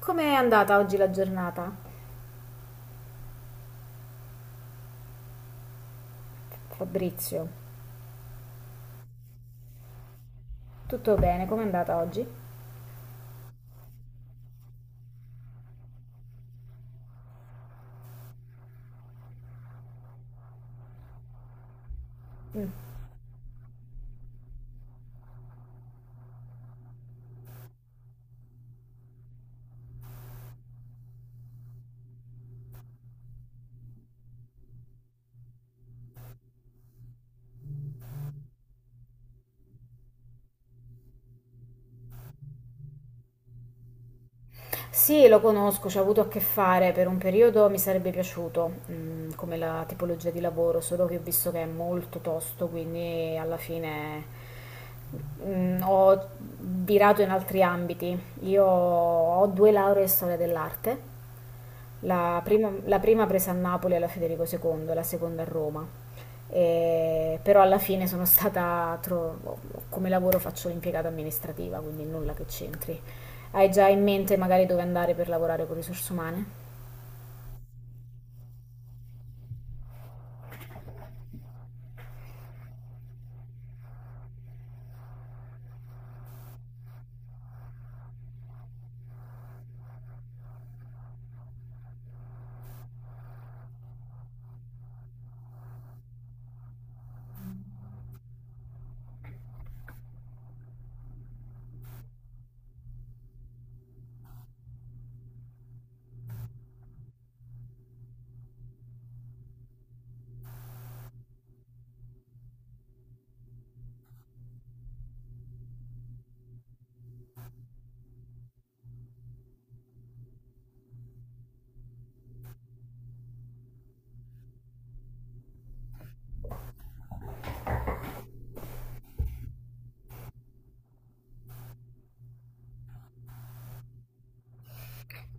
Com'è andata oggi la giornata, Fabrizio? Tutto bene, com'è andata oggi? Sì, lo conosco, ci ho avuto a che fare per un periodo, mi sarebbe piaciuto, come la tipologia di lavoro, solo che ho visto che è molto tosto, quindi alla fine ho virato in altri ambiti. Io ho due lauree in storia dell'arte. La prima presa a Napoli alla Federico II, la seconda a Roma. Però alla fine sono stata, come lavoro faccio l'impiegata amministrativa, quindi nulla che c'entri. Hai già in mente magari dove andare per lavorare con risorse umane?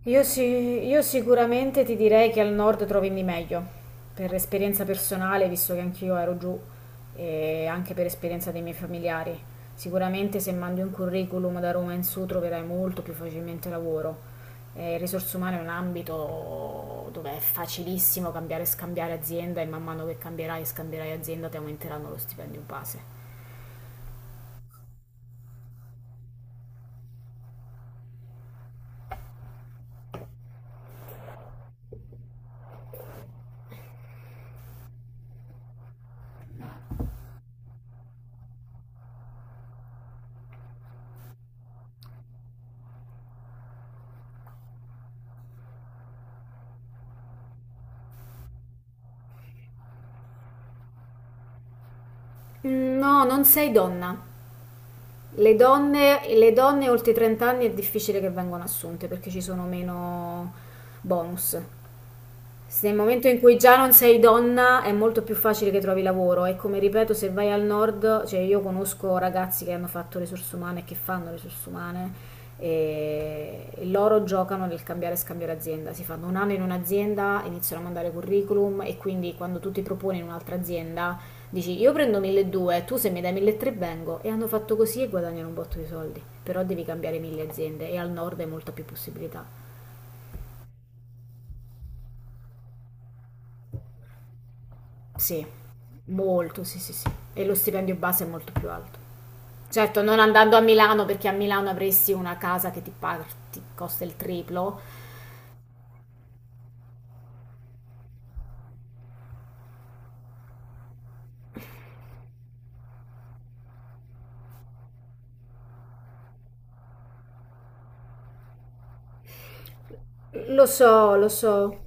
Io, sì, io sicuramente ti direi che al nord trovi di meglio, per esperienza personale, visto che anch'io ero giù, e anche per esperienza dei miei familiari. Sicuramente se mandi un curriculum da Roma in su troverai molto più facilmente lavoro. Risorse umane è un ambito dove è facilissimo cambiare e scambiare azienda e man mano che cambierai e scambierai azienda ti aumenteranno lo stipendio base. No, non sei donna. Le donne, le donne oltre i 30 anni è difficile che vengano assunte perché ci sono meno bonus, se nel momento in cui già non sei donna è molto più facile che trovi lavoro, e come ripeto se vai al nord, cioè io conosco ragazzi che hanno fatto risorse umane e che fanno risorse umane e loro giocano nel cambiare e scambiare azienda, si fanno 1 anno in un'azienda, iniziano a mandare curriculum e quindi quando tu ti proponi in un'altra azienda dici io prendo 1200, tu se mi dai 1300 vengo, e hanno fatto così e guadagnano un botto di soldi, però devi cambiare mille aziende e al nord hai molta più possibilità. Sì, molto, sì, sì, sì. E lo stipendio base è molto più alto. Certo, non andando a Milano, perché a Milano avresti una casa che ti, ti costa il triplo. Lo so, lo so.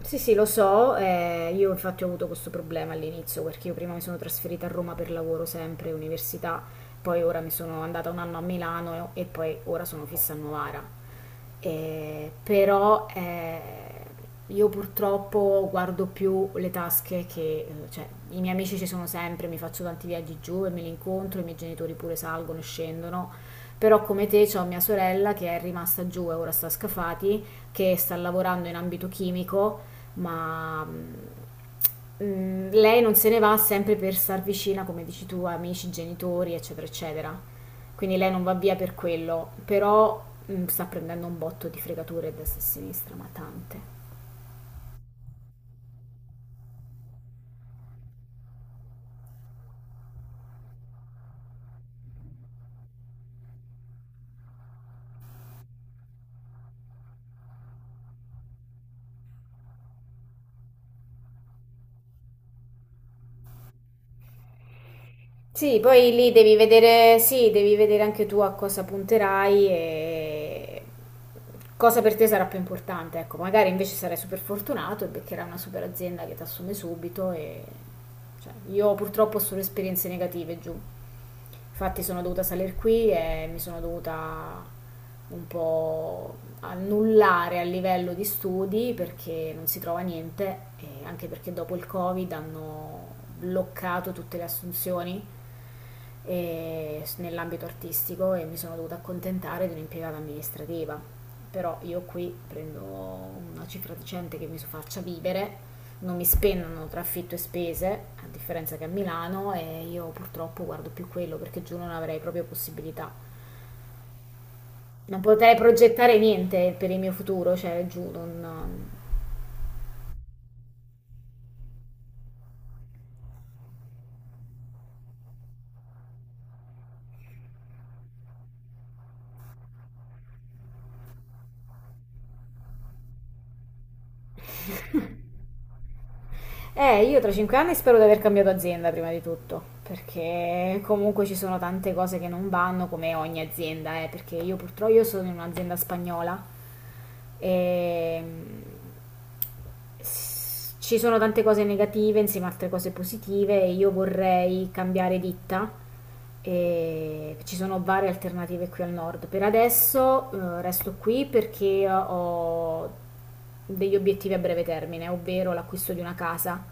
Sì, sì, lo so. Io infatti ho avuto questo problema all'inizio perché io prima mi sono trasferita a Roma per lavoro sempre, università, poi ora mi sono andata 1 anno a Milano e poi ora sono fissa a Novara. Però, io purtroppo guardo più le tasche che, cioè, i miei amici ci sono sempre, mi faccio tanti viaggi giù e me li incontro, i miei genitori pure salgono e scendono. Però come te c'ho mia sorella che è rimasta giù e ora sta a Scafati, che sta lavorando in ambito chimico, ma lei non se ne va sempre per star vicina, come dici tu, a amici, genitori, eccetera, eccetera. Quindi lei non va via per quello, però sta prendendo un botto di fregature a destra e a sinistra, ma tante. Sì, poi lì devi vedere, sì, devi vedere anche tu a cosa punterai e cosa per te sarà più importante. Ecco, magari invece sarai super fortunato e beccherai una super azienda che ti assume subito e cioè, io purtroppo ho solo esperienze negative giù. Infatti sono dovuta salire qui e mi sono dovuta un po' annullare a livello di studi perché non si trova niente e anche perché dopo il Covid hanno bloccato tutte le assunzioni nell'ambito artistico e mi sono dovuta accontentare di un'impiegata amministrativa. Però io qui prendo una cifra decente che mi faccia vivere, non mi spennano tra affitto e spese, a differenza che a Milano, e io purtroppo guardo più quello perché giù non avrei proprio possibilità. Non potrei progettare niente per il mio futuro, cioè giù non... Io tra 5 anni spero di aver cambiato azienda prima di tutto, perché comunque ci sono tante cose che non vanno come ogni azienda, perché io purtroppo io sono in un'azienda spagnola e ci sono tante cose negative insieme a altre cose positive e io vorrei cambiare ditta e ci sono varie alternative qui al nord. Per adesso resto qui perché ho degli obiettivi a breve termine, ovvero l'acquisto di una casa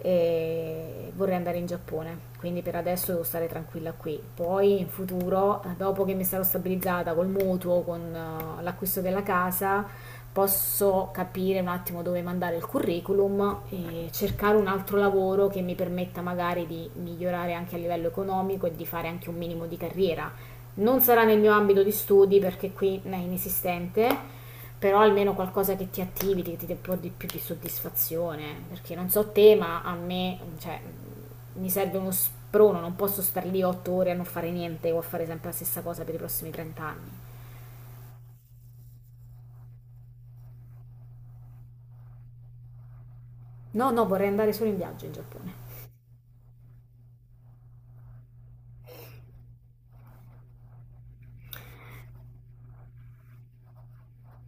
e vorrei andare in Giappone, quindi per adesso devo stare tranquilla qui. Poi in futuro, dopo che mi sarò stabilizzata col mutuo, con l'acquisto della casa, posso capire un attimo dove mandare il curriculum e cercare un altro lavoro che mi permetta magari di migliorare anche a livello economico e di fare anche un minimo di carriera. Non sarà nel mio ambito di studi perché qui è inesistente, però almeno qualcosa che ti attivi, che ti dà un po' di più di soddisfazione, perché non so te, ma a me, cioè, mi serve uno sprono, non posso stare lì 8 ore a non fare niente o a fare sempre la stessa cosa per i prossimi 30 anni. No, no, vorrei andare solo in viaggio in Giappone.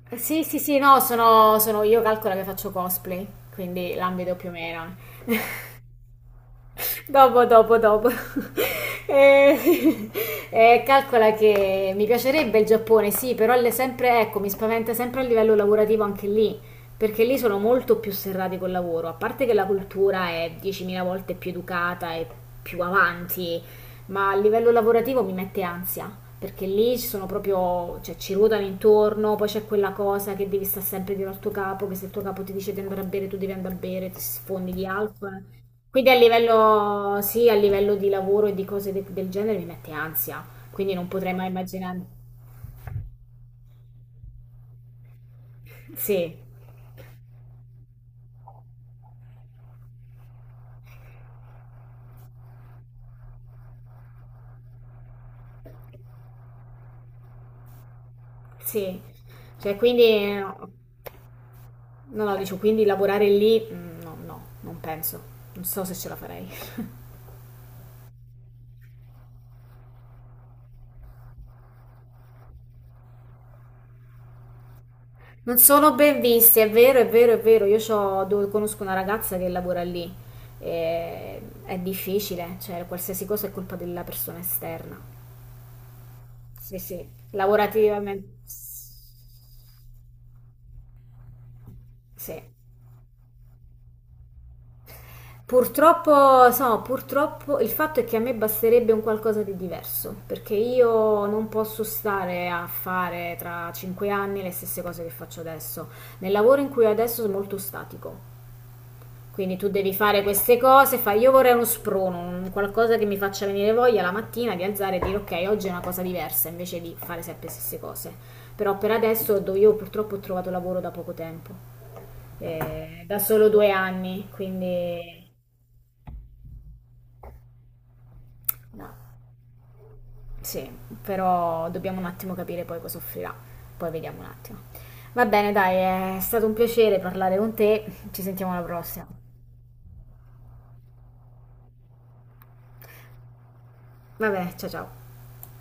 Sì, sì, sì, no, io calcolo che faccio cosplay, quindi l'ambito più o meno. Dopo, dopo, dopo. Eh, eh, calcola che mi piacerebbe il Giappone, sì, però sempre, ecco, mi spaventa sempre a livello lavorativo anche lì, perché lì sono molto più serrati col lavoro, a parte che la cultura è 10.000 volte più educata e più avanti, ma a livello lavorativo mi mette ansia, perché lì ci sono proprio, cioè ci ruotano intorno, poi c'è quella cosa che devi stare sempre dietro al tuo capo, che se il tuo capo ti dice di andare a bere, tu devi andare a bere, ti sfondi di alcol. Quindi a livello, sì, a livello di lavoro e di cose del genere mi mette ansia, quindi non potrei mai immaginare. Sì, sì. Cioè, quindi, no, no, dicevo, quindi lavorare lì, no, no, non penso. Non so se ce la farei. Non sono ben visti, è vero, è vero, è vero. Io conosco una ragazza che lavora lì. E è difficile, cioè qualsiasi cosa è colpa della persona esterna. Sì, sì, lavorativamente. Sì. Purtroppo, so, purtroppo il fatto è che a me basterebbe un qualcosa di diverso, perché io non posso stare a fare tra 5 anni le stesse cose che faccio adesso. Nel lavoro in cui ho adesso è molto statico. Quindi tu devi fare queste cose, fai, io vorrei uno sprono, un qualcosa che mi faccia venire voglia la mattina di alzare e dire ok, oggi è una cosa diversa, invece di fare sempre le stesse cose. Però per adesso io purtroppo ho trovato lavoro da poco tempo, da solo 2 anni, quindi... No. Sì, però dobbiamo un attimo capire poi cosa offrirà. Poi vediamo un attimo. Va bene, dai, è stato un piacere parlare con te. Ci sentiamo alla prossima. Vabbè, ciao ciao.